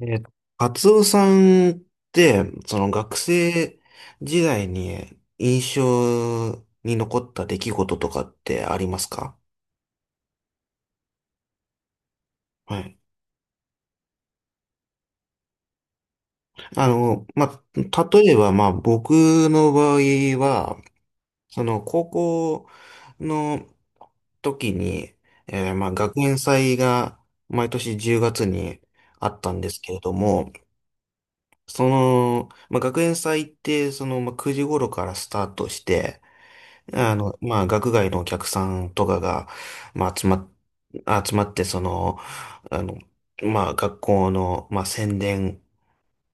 えーと、カツオさんって、その学生時代に印象に残った出来事とかってありますか？はい。まあ、例えば、まあ、僕の場合は、高校の時に、まあ、学園祭が毎年10月にあったんですけれども、まあ、学園祭って、まあ、9時頃からスタートして、まあ、学外のお客さんとかが、まあ、集まって、あの、まあ、学校の、まあ、宣伝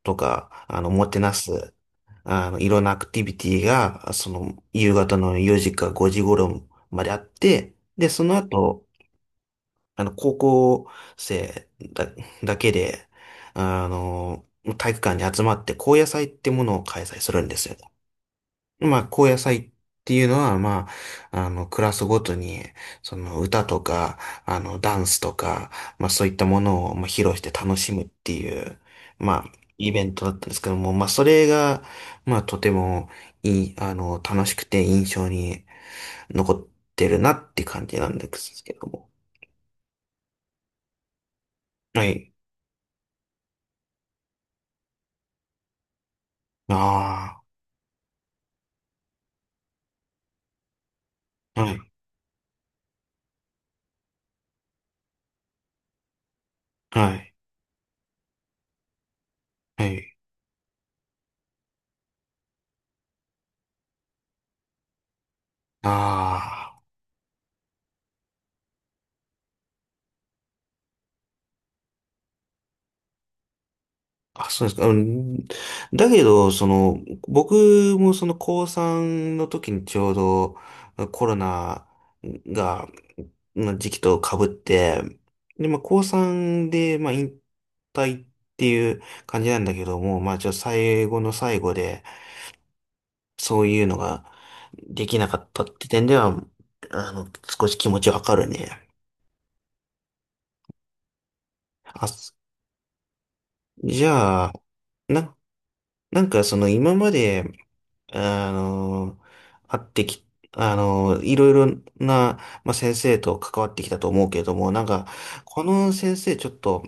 とか、もてなす、いろんなアクティビティが、夕方の4時か5時頃まであって、で、その後、高校生だけで、あの、体育館に集まって、高野祭ってものを開催するんですよ。まあ、高野祭っていうのは、まあ、クラスごとに、その歌とか、ダンスとか、まあ、そういったものを、まあ、披露して楽しむっていう、まあ、イベントだったんですけども、まあ、それが、まあ、とてもいい、楽しくて印象に残ってるなって感じなんですけども。はい。ああ、はい、はい、はい、ああ。あ、そうですか。うん、だけど、僕もその高3の時にちょうどコロナが、の時期と被って、で、まあ高3で、まあ引退っていう感じなんだけども、まあちょっと最後の最後で、そういうのができなかったって点では、あの、少し気持ちわかるね。あ、じゃあ、な、なんかその今まで、あの、会ってき、あの、いろいろな、まあ、先生と関わってきたと思うけれども、なんか、この先生ちょっと、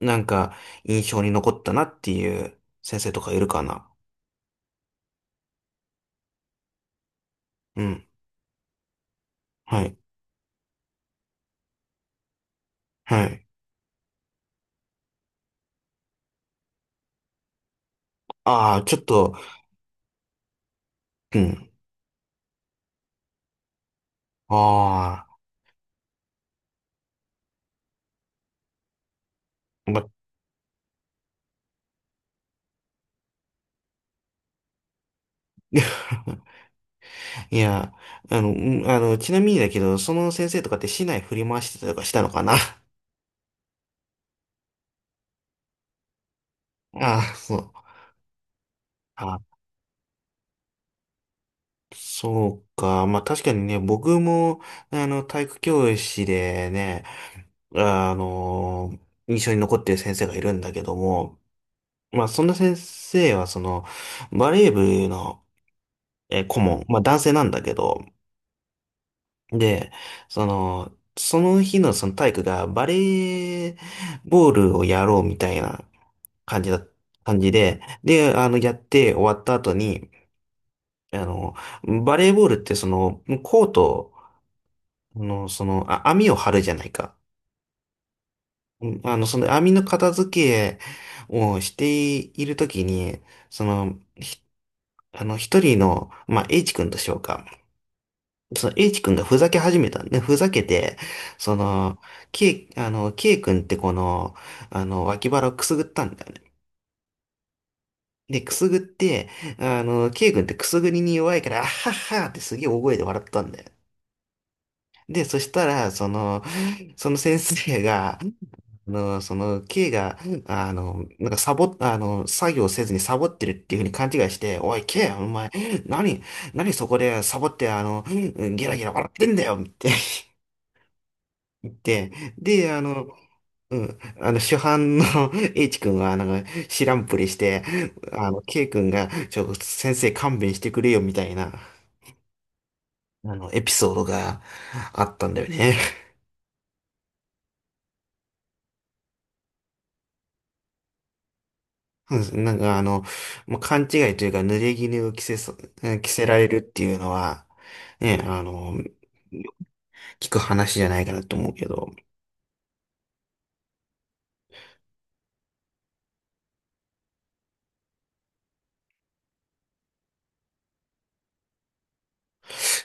なんか、印象に残ったなっていう先生とかいるかな？うん。はい。はい。ああ、ちょっと、うん。ああ、ま、いや、うん、ちなみにだけど、その先生とかって市内振り回してたりとかしたのかな？ ああ、そう。そうか。まあ確かにね、僕も、ね体育教師でね、あの、印象に残ってる先生がいるんだけども、まあそんな先生は、バレー部の、顧問、まあ男性なんだけど、で、その日のその体育がバレーボールをやろうみたいな感じだ、感じで、で、やって終わった後に、あの、バレーボールってコート、あ、網を張るじゃないか。うんその網の片付けをしているときに、その、ひあの、一人の、まあ、H 君としようか。その H 君がふざけ始めたんで、ふざけて、その、K、あの、K 君ってこの、脇腹をくすぐったんだよね。で、くすぐって、K 君ってくすぐりに弱いから、あはっはってすげえ大声で笑ったんだよ。で、そしたら、その先生が、K が、なんかサボ、あの、作業せずにサボってるっていうふうに勘違いして、おい、K、お前、何、何そこでサボって、ゲラゲラ笑ってんだよって 言って、で、うん、主犯の H 君は、なんか、知らんぷりして、K 君が、先生勘弁してくれよみたいな、エピソードがあったんだよね。そうですなんかもう勘違いというか、濡れ衣を着せられるっていうのは、ね、聞く話じゃないかなと思うけど、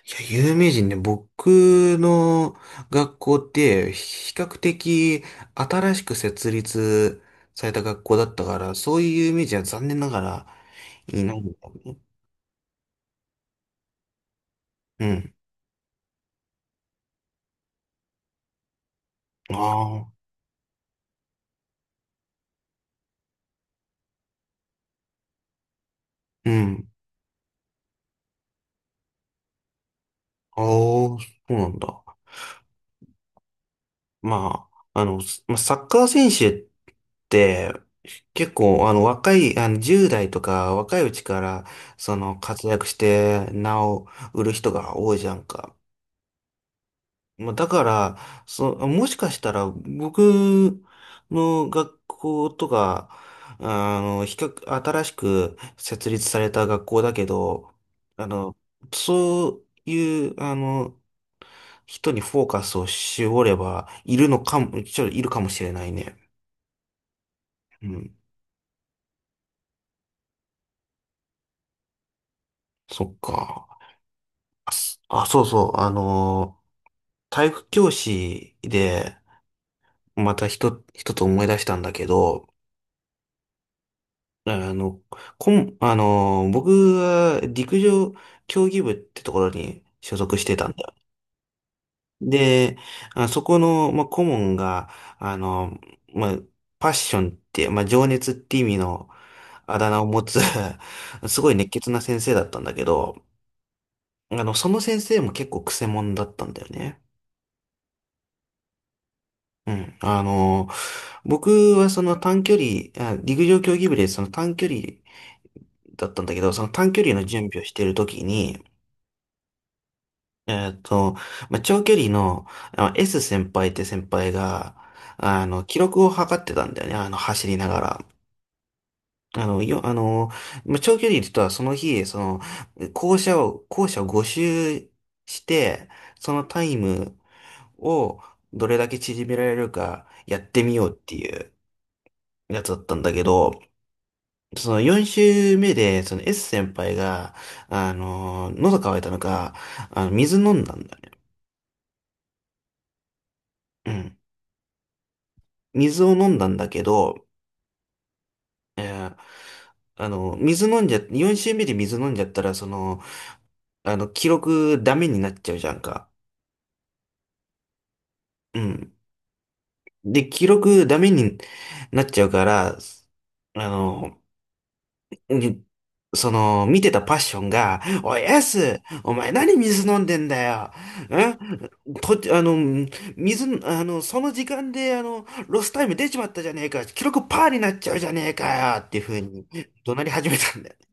いや、有名人ね、僕の学校って比較的新しく設立された学校だったから、そういう有名人は残念ながらいないんだ。うん。ああ、うん。ああ、そうなんだ。まあ、まあ、サッカー選手って、結構、若い、10代とか、若いうちから、活躍して、名を売る人が多いじゃんか。まあ、だから、もしかしたら、僕の学校とか、新しく設立された学校だけど、あの、そういう、人にフォーカスを絞れば、いるのかも、ちょっといるかもしれないね。うん。そっか。あ、そうそう。体育教師で、また一つ思い出したんだけど、あの、こん、あのー、僕は陸上競技部ってところに所属してたんだよ。で、あ、そこの、まあ、顧問が、あの、まあ、パッションって、まあ、情熱って意味のあだ名を持つ すごい熱血な先生だったんだけど、その先生も結構クセ者だったんだよね。うん。僕はその短距離、あ陸上競技部でその短距離だったんだけど、その短距離の準備をしているときに、えっと、まあ、長距離の、S 先輩って先輩が、記録を測ってたんだよね、走りながら。あの、よ、あの、まあ、長距離とはその日、校舎を5周して、そのタイムをどれだけ縮められるかやってみようっていうやつだったんだけど、その4周目で、その S 先輩が、喉乾いたのか、水飲んだんだよね。水を飲んだんだけど、えーあの、水飲んじゃ、4周目で水飲んじゃったら、記録ダメになっちゃうじゃんか。うん。で、記録ダメになっちゃうから、あの、にその、見てたパッションが、おい、エス、お前何水飲んでんだよ。んと、あの、水、あの、その時間で、ロスタイム出ちまったじゃねえか。記録パーになっちゃうじゃねえかよ。っていう風に怒鳴り始めたんだよね。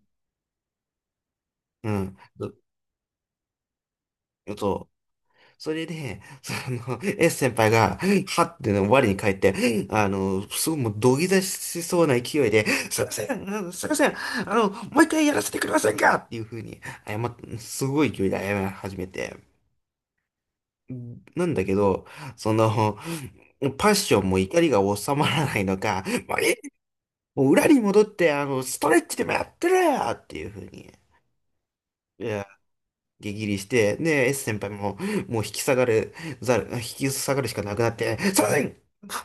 うん。そう。それで、S 先輩が、はっての我に返って、すごいもう土下座しそうな勢いで、すいません、もう一回やらせてくれませんかっていう風にすごい勢いで謝り始めて。なんだけど、その、パッションも怒りが収まらないのか、もうえもう裏に戻って、ストレッチでもやってるよっていう風に。激ギリして、で、S 先輩も、もう引き下がるしかなくなって、すいません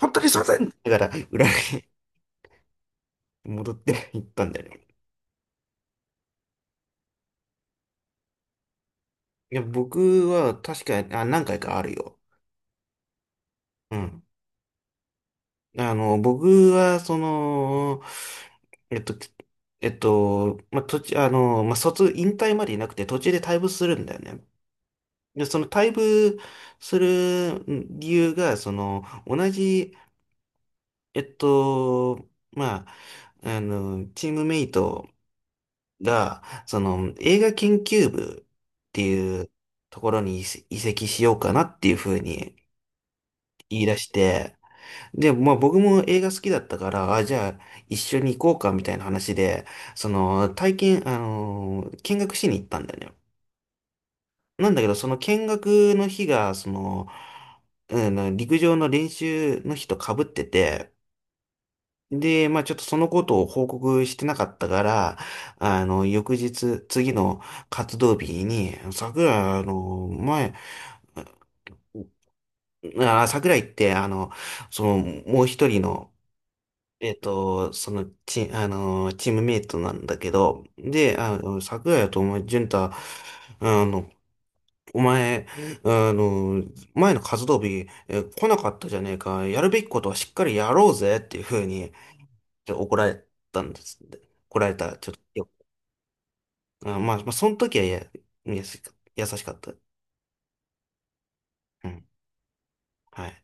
本当にすいませんだから、裏に戻って行ったんだよね。いや、僕は確かに、あ、何回かあるよ。うん。僕は、えっと、まあ、途中、まあ、引退までいなくて途中で退部するんだよね。で、その退部する理由が、その、同じまあ、チームメイトが、その、映画研究部っていうところに移籍しようかなっていうふうに言い出して、で、まあ僕も映画好きだったから、あ、じゃあ一緒に行こうかみたいな話で、その、体験、あの、見学しに行ったんだよね。なんだけど、その見学の日が、うん、陸上の練習の日と被ってて、で、まあちょっとそのことを報告してなかったから、翌日、次の活動日に、桜井って、その、もう一人の、えっと、その、チ、あの、チームメイトなんだけど、で、桜井とお前、潤太、あの、お前、あの、前の活動日、来なかったじゃねえか、やるべきことはしっかりやろうぜっていうふうに、ちょっと怒られたんです。で怒られたら、ちょっとよ、あ、まあ、まあ、その時は、いや優しかった。うん。はい。